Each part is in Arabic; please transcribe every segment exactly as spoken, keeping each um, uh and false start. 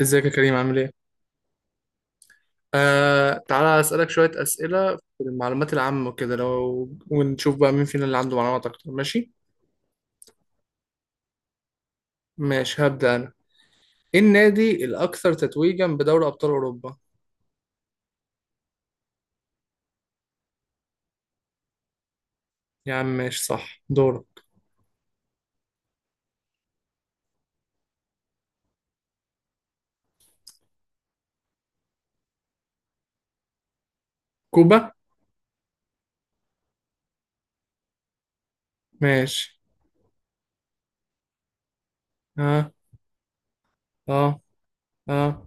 ازيك يا كريم؟ عامل ايه؟ آه تعالى اسألك شوية أسئلة في المعلومات العامة وكده، لو ونشوف بقى مين فينا اللي عنده معلومات أكتر، ماشي؟ ماشي، هبدأ أنا. ايه النادي الأكثر تتويجا بدوري أبطال أوروبا؟ يا عم ماشي، صح. دورك. كوبا؟ ماشي. اه، اه، اه،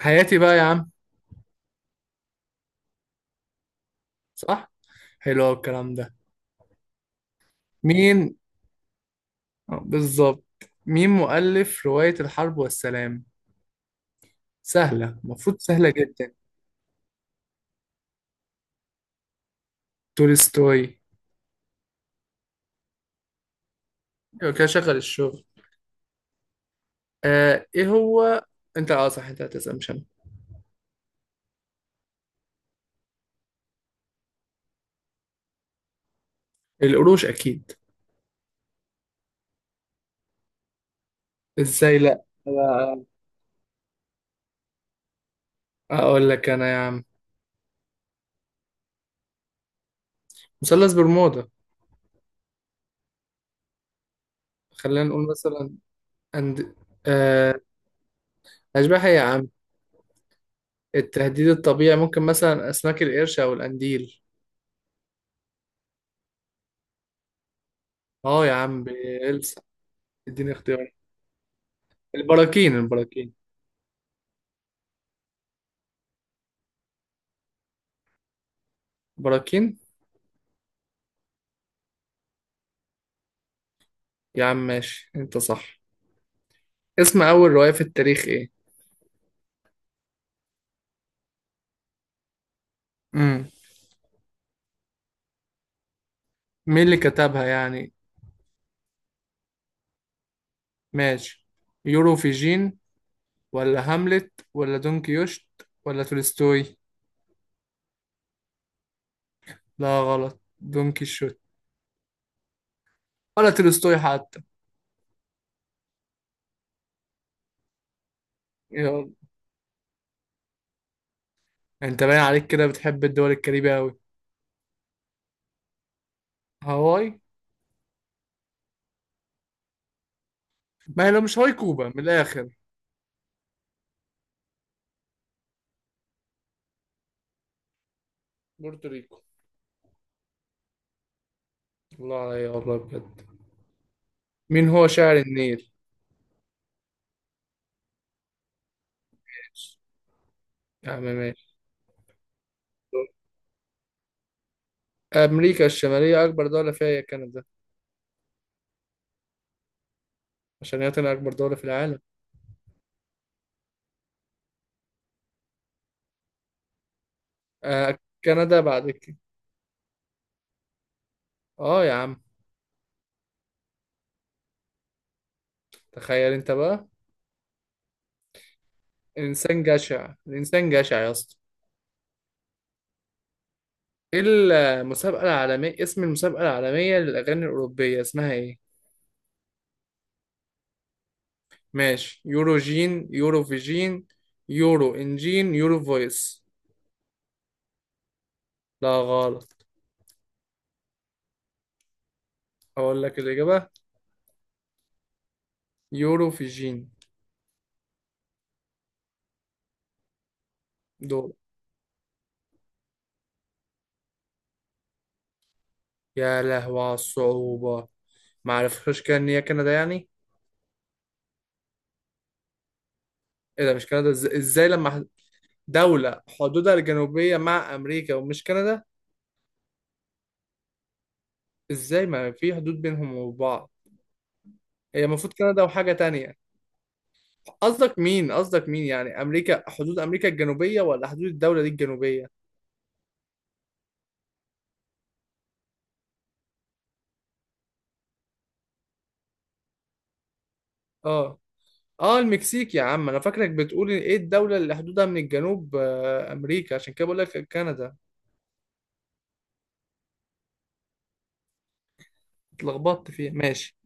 حياتي بقى يا عم. صح؟ حلو أوي الكلام ده. مين؟ آه، بالظبط. مين مؤلف رواية الحرب والسلام؟ سهلة، المفروض سهلة جدا. تولستوي. يبقى كده شغل الشغل. آه ايه هو؟ انت، اه، صح، انت هتسأل مش انا. القروش اكيد. ازاي لا أنا- اقول لك انا يا عم. مثلث برمودا. خلينا نقول مثلا أند... آه اشباح؟ إيه يا عم! التهديد الطبيعي ممكن مثلا اسماك القرش او القنديل. اه يا عم بيلسع. اديني اختيار. البراكين، البراكين، براكين. يا عم ماشي، انت صح. اسم اول رواية في التاريخ ايه؟ امم مين اللي كتبها يعني؟ ماشي، يوروفيجين، ولا هاملت، ولا دون كيوشت، ولا تولستوي. لا غلط، دون كيشوت، ولا تولستوي حتى. يلا. انت باين عليك كده بتحب الدول الكاريبية أوي. هاواي. ما هي لو مش هاواي، كوبا من الآخر. بورتوريكو. الله عليا، والله بجد. مين هو شاعر النيل؟ ماشي، يا عم ماشي. أمريكا الشمالية أكبر دولة فيها هي كندا. عشان هي تاني أكبر دولة في العالم. آه، كندا بعد كده. آه يا عم. تخيل أنت بقى. إنسان جشع، الإنسان جشع يا اسطى. ايه؟ المسابقة العالمية، اسم المسابقة العالمية للأغاني الأوروبية اسمها ايه؟ ماشي، يورو جين يورو فيجين، يورو انجين، يورو فويس. لا غلط. أقول لك الإجابة، يورو فيجين. دول. يا لهوي على الصعوبة. معرفش، كده إن هي كندا يعني؟ ايه ده مش كندا؟ إز- ازاي لما ح- دولة حدودها الجنوبية مع أمريكا ومش كندا؟ ازاي ما في حدود بينهم وبعض؟ هي المفروض كندا وحاجة تانية. قصدك مين قصدك مين يعني، امريكا؟ حدود امريكا الجنوبيه، ولا حدود الدوله دي الجنوبيه؟ اه. اه، المكسيك يا عم، انا فاكرك بتقول ايه الدوله اللي حدودها من الجنوب آه امريكا، عشان كده بقول لك كندا. اتلخبطت فيها، ماشي.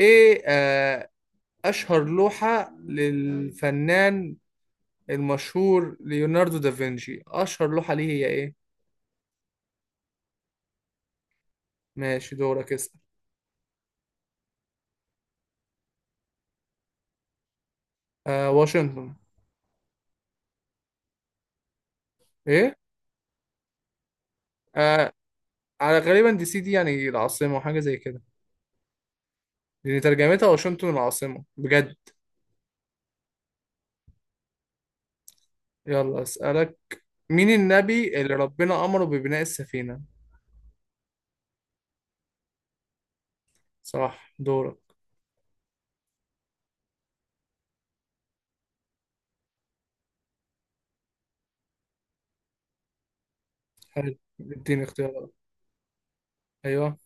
ايه؟ آه، اشهر لوحه للفنان المشهور ليوناردو دافنشي، اشهر لوحه ليه هي ايه؟ ماشي، دورك اسال. آه، واشنطن. ايه؟ آه، على غالبا دي سي دي يعني العاصمه، وحاجه زي كده، لان ترجمتها واشنطن العاصمه بجد. يلا أسألك. مين النبي اللي ربنا أمره ببناء السفينة؟ صح، دورك. حلو، اديني اختيارات. أيوه.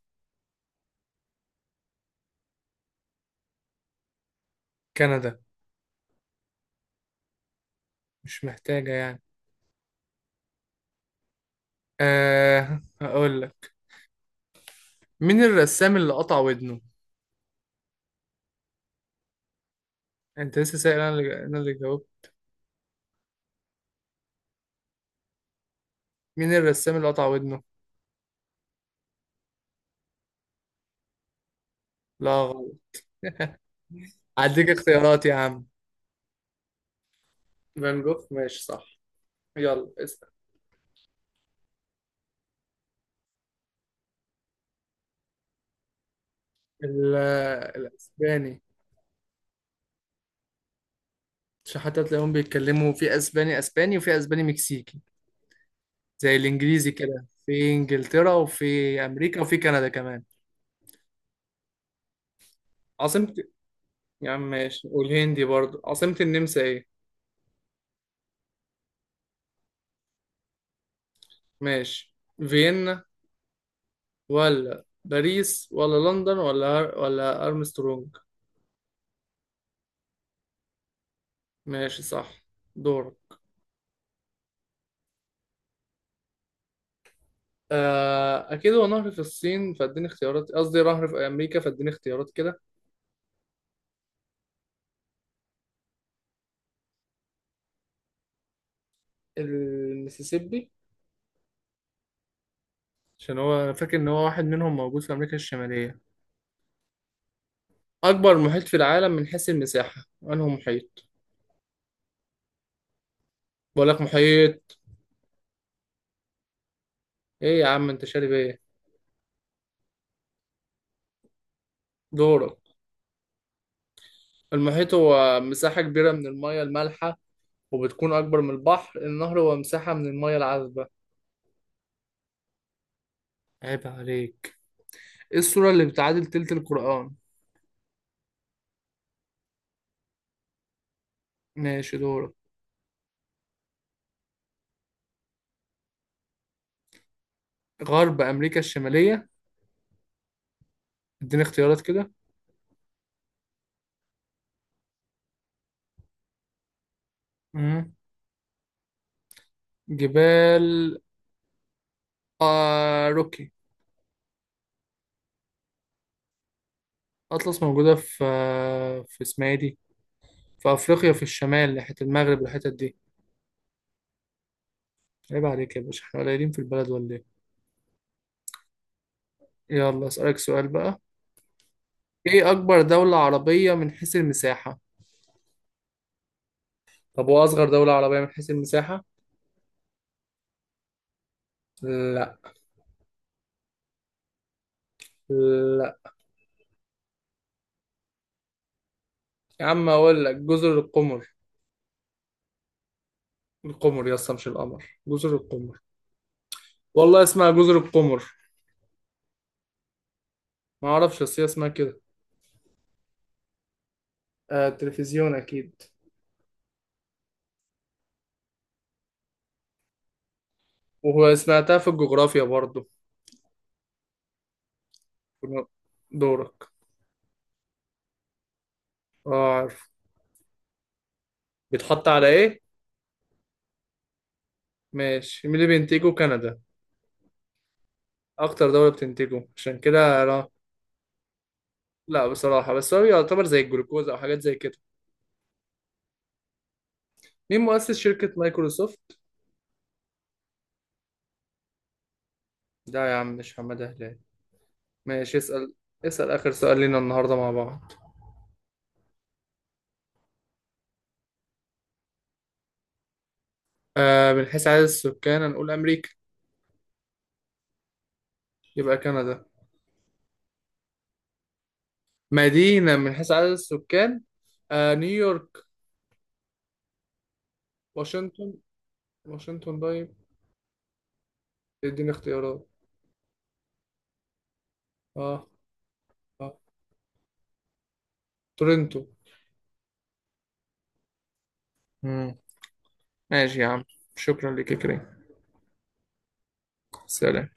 كندا، مش محتاجة يعني. أه هقول لك. مين الرسام اللي قطع ودنه؟ أنت لسه سائل، أنا اللي أنا اللي جاوبت. مين الرسام اللي قطع ودنه؟ لا غلط. هديك اختيارات يا عم. فان جوخ، ماشي صح. يلا اسأل. ال- الأسباني. عشان حتى تلاقيهم بيتكلموا في أسباني أسباني، وفي أسباني مكسيكي. زي الانجليزي كده، في انجلترا وفي امريكا وفي كندا كمان. عاصمة؟ يا عم ماشي، والهندي برضه. عاصمة النمسا ايه؟ ماشي، فيينا، ولا باريس، ولا لندن، ولا هر... ولا ارمسترونج. ماشي صح. دور. آه اكيد هو نهر في الصين، فاديني اختيارات. قصدي نهر في امريكا، فاديني اختيارات كده. المسيسيبي. عشان هو، أنا فاكر ان هو واحد منهم موجود في امريكا الشمالية. اكبر محيط في العالم من حيث المساحة، انه محيط. بقول لك محيط. ايه يا عم انت شارب ايه؟ دورك. المحيط هو مساحة كبيرة من المية المالحة، وبتكون أكبر من البحر. النهر هو مساحة من المية العذبة. عيب عليك. ايه السورة اللي بتعادل تلت القرآن؟ ماشي، دورك. غرب أمريكا الشمالية. اديني اختيارات كده. مم. جبال، آه، روكي. أطلس موجودة في، آه في، اسمها ايه دي، في أفريقيا في الشمال ناحية المغرب والحتت دي. عيب عليك يا باشا، احنا قليلين في البلد ولا ايه؟ يلا أسألك سؤال بقى. ايه اكبر دولة عربية من حيث المساحة؟ طب هو اصغر دولة عربية من حيث المساحة؟ لا. لا. يا عم اقول لك جزر القمر. القمر يا اسطى؟ مش القمر، جزر القمر. والله اسمها جزر القمر. ما اعرفش، بس هي اسمها كده. آه التلفزيون اكيد. وهو سمعتها في الجغرافيا برضو. دورك. اه عارف. بيتحط على ايه؟ ماشي، مين اللي بينتجه، كندا. اكتر دولة بتنتجه عشان كده. لا. لا بصراحة، بس هو يعتبر زي الجلوكوز او حاجات زي كده. مين مؤسس شركة مايكروسوفت؟ لا يا عم، مش حمادة هلال. ماشي، اسأل. اسأل آخر سؤال لينا النهاردة مع بعض. آه، من حيث عدد السكان، هنقول أمريكا. يبقى كندا. مدينة، من حيث عدد السكان. آه، نيويورك. واشنطن، واشنطن طيب. اديني اختيارات. اه. اه، تورنتو. مم. ماشي يا عم. شكرا لك يا كريم. سلام.